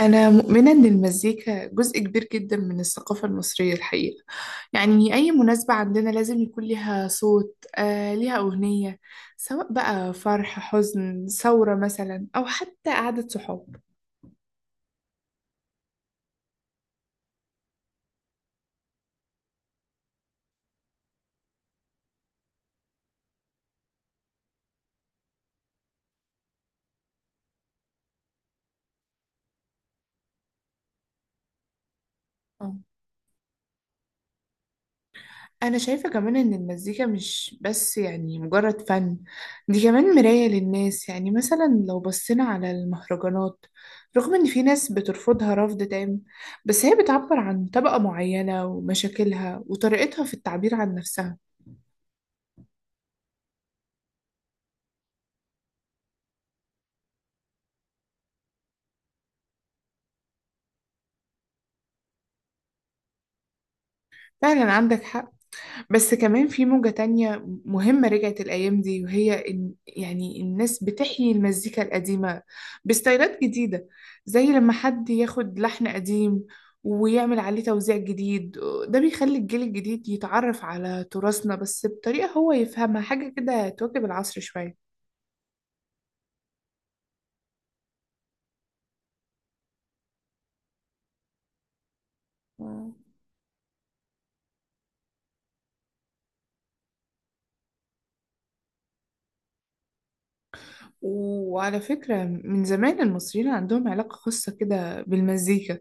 أنا مؤمنة إن المزيكا جزء كبير جدا من الثقافة المصرية الحقيقة، يعني أي مناسبة عندنا لازم يكون ليها صوت ليها أغنية، سواء بقى فرح حزن ثورة مثلا أو حتى قعدة صحاب. آه. أنا شايفة كمان إن المزيكا مش بس يعني مجرد فن، دي كمان مراية للناس. يعني مثلا لو بصينا على المهرجانات، رغم إن في ناس بترفضها رفض تام، بس هي بتعبر عن طبقة معينة ومشاكلها وطريقتها في التعبير عن نفسها. فعلا عندك حق. بس كمان في موجة تانية مهمة رجعت الأيام دي، وهي إن يعني الناس بتحيي المزيكا القديمة بستايلات جديدة، زي لما حد ياخد لحن قديم ويعمل عليه توزيع جديد. ده بيخلي الجيل الجديد يتعرف على تراثنا، بس بطريقة هو يفهمها، حاجة كده تواكب العصر شوية. مم. وعلى فكرة من زمان المصريين عندهم علاقة خاصة كده بالمزيكا،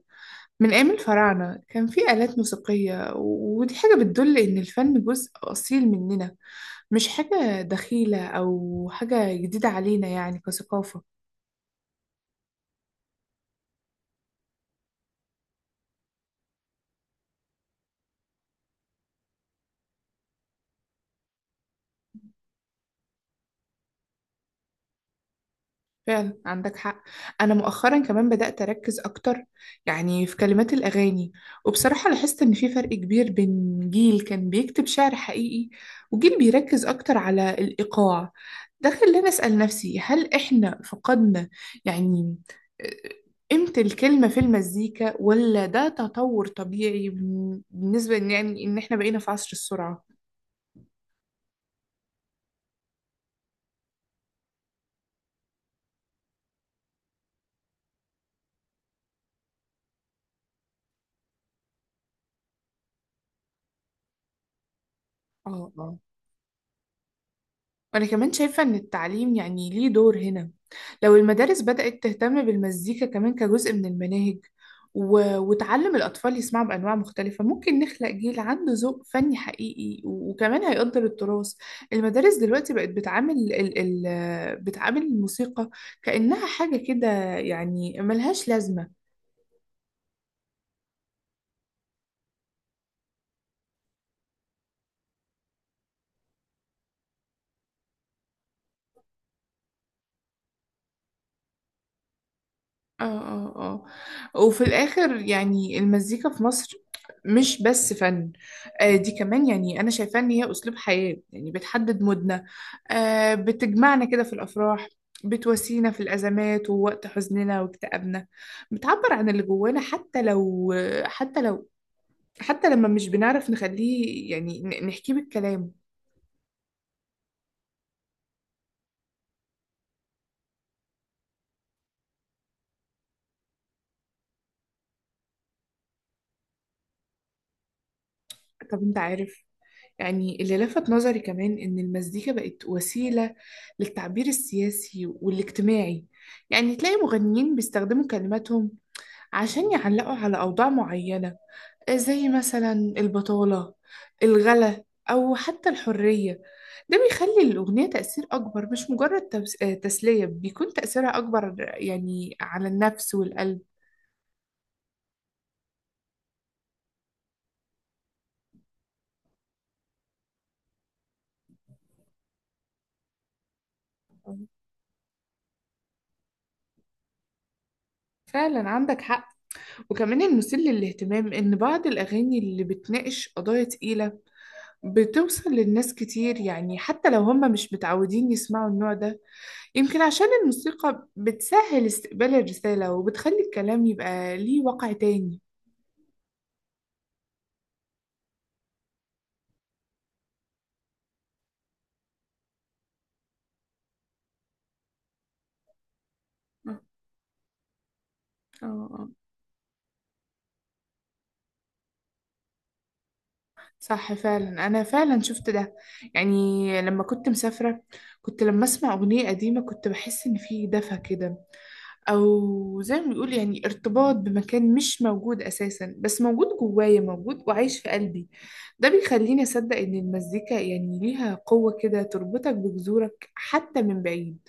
من أيام الفراعنة كان في آلات موسيقية ودي حاجة بتدل إن الفن جزء أصيل مننا، مش حاجة دخيلة أو حاجة جديدة علينا يعني كثقافة. فعلا عندك حق. انا مؤخرا كمان بدأت اركز اكتر، يعني في كلمات الاغاني. وبصراحة لاحظت ان في فرق كبير بين جيل كان بيكتب شعر حقيقي، وجيل بيركز اكتر على الايقاع. ده خلاني اسأل نفسي، هل احنا فقدنا يعني آه، قيمة الكلمة في المزيكا، ولا ده تطور طبيعي بالنسبة يعني ان احنا بقينا في عصر السرعة؟ اه، اه. وأنا كمان شايفة إن التعليم يعني ليه دور هنا، لو المدارس بدأت تهتم بالمزيكا كمان كجزء من المناهج، وتعلم الأطفال يسمعوا بأنواع مختلفة، ممكن نخلق جيل عنده ذوق فني حقيقي، وكمان هيقدر التراث. المدارس دلوقتي بقت بتعامل بتعامل الموسيقى كأنها حاجة كده، يعني ملهاش لازمة. اه، اه. اه، وفي الآخر يعني المزيكا في مصر مش بس فن، آه دي كمان يعني أنا شايفاه إن هي أسلوب حياة، يعني بتحدد مودنا، آه بتجمعنا كده في الأفراح، بتواسينا في الأزمات ووقت حزننا واكتئابنا، بتعبر عن اللي جوانا، حتى لو حتى لو حتى لما مش بنعرف نخليه يعني نحكيه بالكلام. طب أنت عارف، يعني اللي لفت نظري كمان إن المزيكا بقت وسيلة للتعبير السياسي والاجتماعي، يعني تلاقي مغنيين بيستخدموا كلماتهم عشان يعلقوا على أوضاع معينة، زي مثلا البطالة، الغلا، أو حتى الحرية. ده بيخلي الأغنية تأثير أكبر، مش مجرد تسلية، بيكون تأثيرها أكبر يعني على النفس والقلب. فعلا عندك حق. وكمان المثير للاهتمام إن بعض الأغاني اللي بتناقش قضايا تقيلة بتوصل للناس كتير، يعني حتى لو هم مش متعودين يسمعوا النوع ده، يمكن عشان الموسيقى بتسهل استقبال الرسالة، وبتخلي الكلام يبقى ليه وقع تاني. اه، اه. صح فعلا، أنا فعلا شفت ده. يعني لما كنت مسافرة، كنت لما أسمع أغنية قديمة كنت بحس إن في دفى كده، او زي ما بيقول يعني ارتباط بمكان مش موجود اساسا، بس موجود جوايا، موجود وعايش في قلبي. ده بيخليني اصدق ان المزيكا يعني ليها قوة كده تربطك بجذورك حتى من بعيد.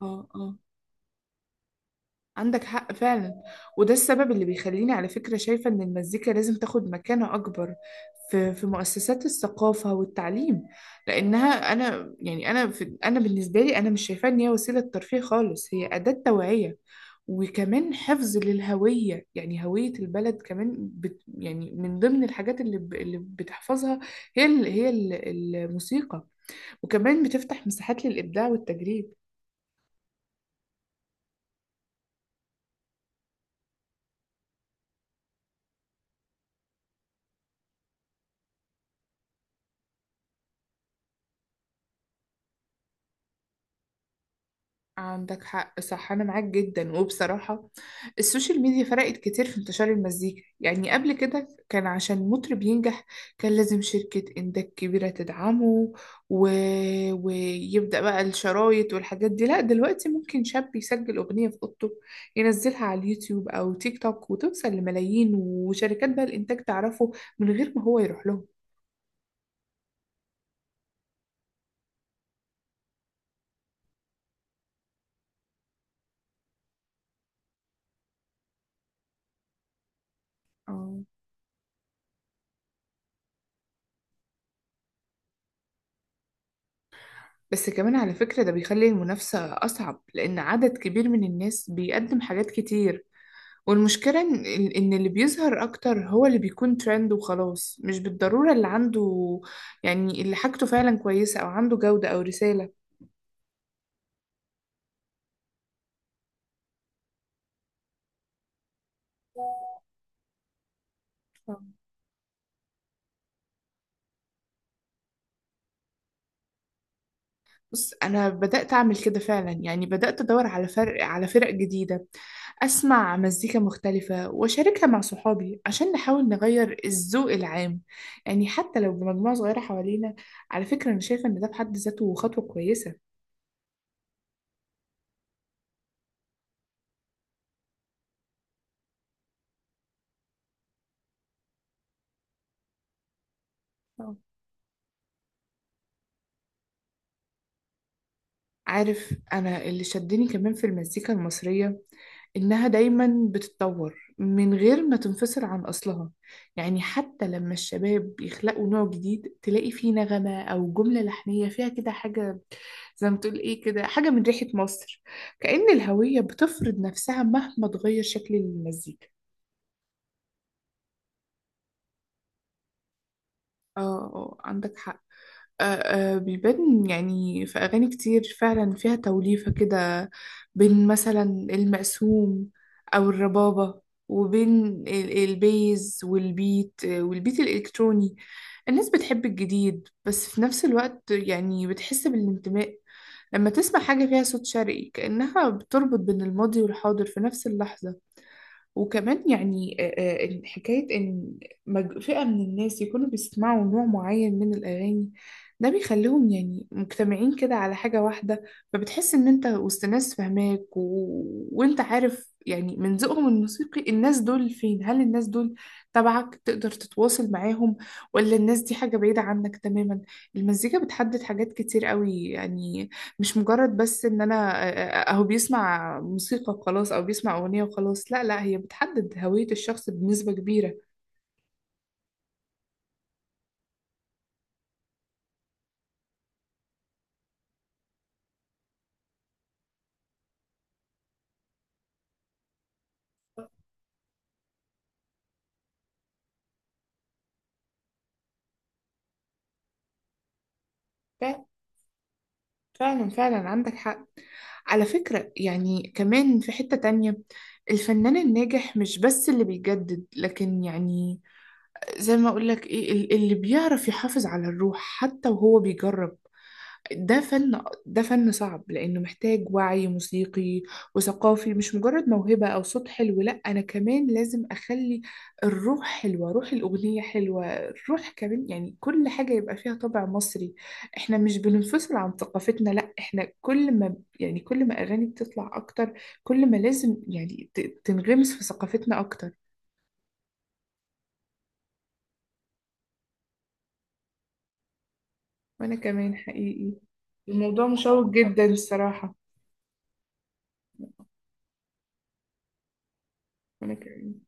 اه، اه. عندك حق فعلا. وده السبب اللي بيخليني على فكرة شايفة إن المزيكا لازم تاخد مكانة أكبر في مؤسسات الثقافة والتعليم، لأنها أنا يعني أنا في أنا بالنسبة لي أنا مش شايفاها إن هي وسيلة ترفيه خالص، هي أداة توعية، وكمان حفظ للهوية، يعني هوية البلد كمان بت يعني من ضمن الحاجات اللي بتحفظها هي الموسيقى. وكمان بتفتح مساحات للإبداع والتجريب. عندك حق صح، أنا معاك جدا. وبصراحة السوشيال ميديا فرقت كتير في انتشار المزيكا، يعني قبل كده كان عشان مطرب ينجح كان لازم شركة إنتاج كبيرة تدعمه و... ويبدأ بقى الشرايط والحاجات دي، لا دلوقتي ممكن شاب يسجل أغنية في أوضته، ينزلها على اليوتيوب أو تيك توك وتوصل لملايين، وشركات بقى الإنتاج تعرفه من غير ما هو يروح لهم. آه. بس كمان على فكرة ده بيخلي المنافسة أصعب، لأن عدد كبير من الناس بيقدم حاجات كتير. والمشكلة إن اللي بيظهر أكتر هو اللي بيكون ترند وخلاص، مش بالضرورة اللي عنده يعني اللي حاجته فعلا كويسة أو عنده جودة أو رسالة. بص أنا بدأت أعمل كده فعلا، يعني بدأت أدور على فرق جديدة، أسمع مزيكا مختلفة وأشاركها مع صحابي عشان نحاول نغير الذوق العام، يعني حتى لو بمجموعة صغيرة حوالينا. على فكرة أنا شايفة إن ده في حد ذاته خطوة كويسة. عارف، أنا اللي شدني كمان في المزيكا المصرية إنها دايما بتتطور من غير ما تنفصل عن أصلها، يعني حتى لما الشباب يخلقوا نوع جديد تلاقي فيه نغمة أو جملة لحنية فيها كده حاجة، زي ما تقول إيه، كده حاجة من ريحة مصر، كأن الهوية بتفرض نفسها مهما تغير شكل المزيكا. اه، عندك حق. آه، بيبان يعني في أغاني كتير فعلا فيها توليفة كده، بين مثلا المقسوم أو الربابة، وبين البيز والبيت، والبيت الإلكتروني. الناس بتحب الجديد، بس في نفس الوقت يعني بتحس بالانتماء لما تسمع حاجة فيها صوت شرقي، كأنها بتربط بين الماضي والحاضر في نفس اللحظة. وكمان يعني حكاية إن فئة من الناس يكونوا بيسمعوا نوع معين من الأغاني، ده بيخليهم يعني مجتمعين كده على حاجة واحدة، فبتحس إن أنت وسط ناس فاهماك، وأنت عارف يعني من ذوقهم الموسيقي الناس دول فين، هل الناس دول تبعك تقدر تتواصل معاهم، ولا الناس دي حاجة بعيدة عنك تماما. المزيكا بتحدد حاجات كتير قوي، يعني مش مجرد بس ان انا اهو بيسمع موسيقى وخلاص، او بيسمع اغنية وخلاص، لا لا، هي بتحدد هوية الشخص بنسبة كبيرة. ف- فعلا فعلا عندك حق. على فكرة يعني كمان في حتة تانية، الفنان الناجح مش بس اللي بيجدد، لكن يعني زي ما اقولك ايه اللي بيعرف يحافظ على الروح حتى وهو بيجرب. ده فن صعب، لأنه محتاج وعي موسيقي وثقافي، مش مجرد موهبة أو صوت حلو. لأ أنا كمان لازم أخلي الروح حلوة، روح الأغنية حلوة، الروح كمان يعني كل حاجة يبقى فيها طابع مصري. إحنا مش بننفصل عن ثقافتنا، لأ إحنا كل ما يعني كل ما أغاني بتطلع أكتر، كل ما لازم يعني تنغمس في ثقافتنا أكتر. وأنا كمان حقيقي. الموضوع مشوق جدا الصراحة. وأنا كمان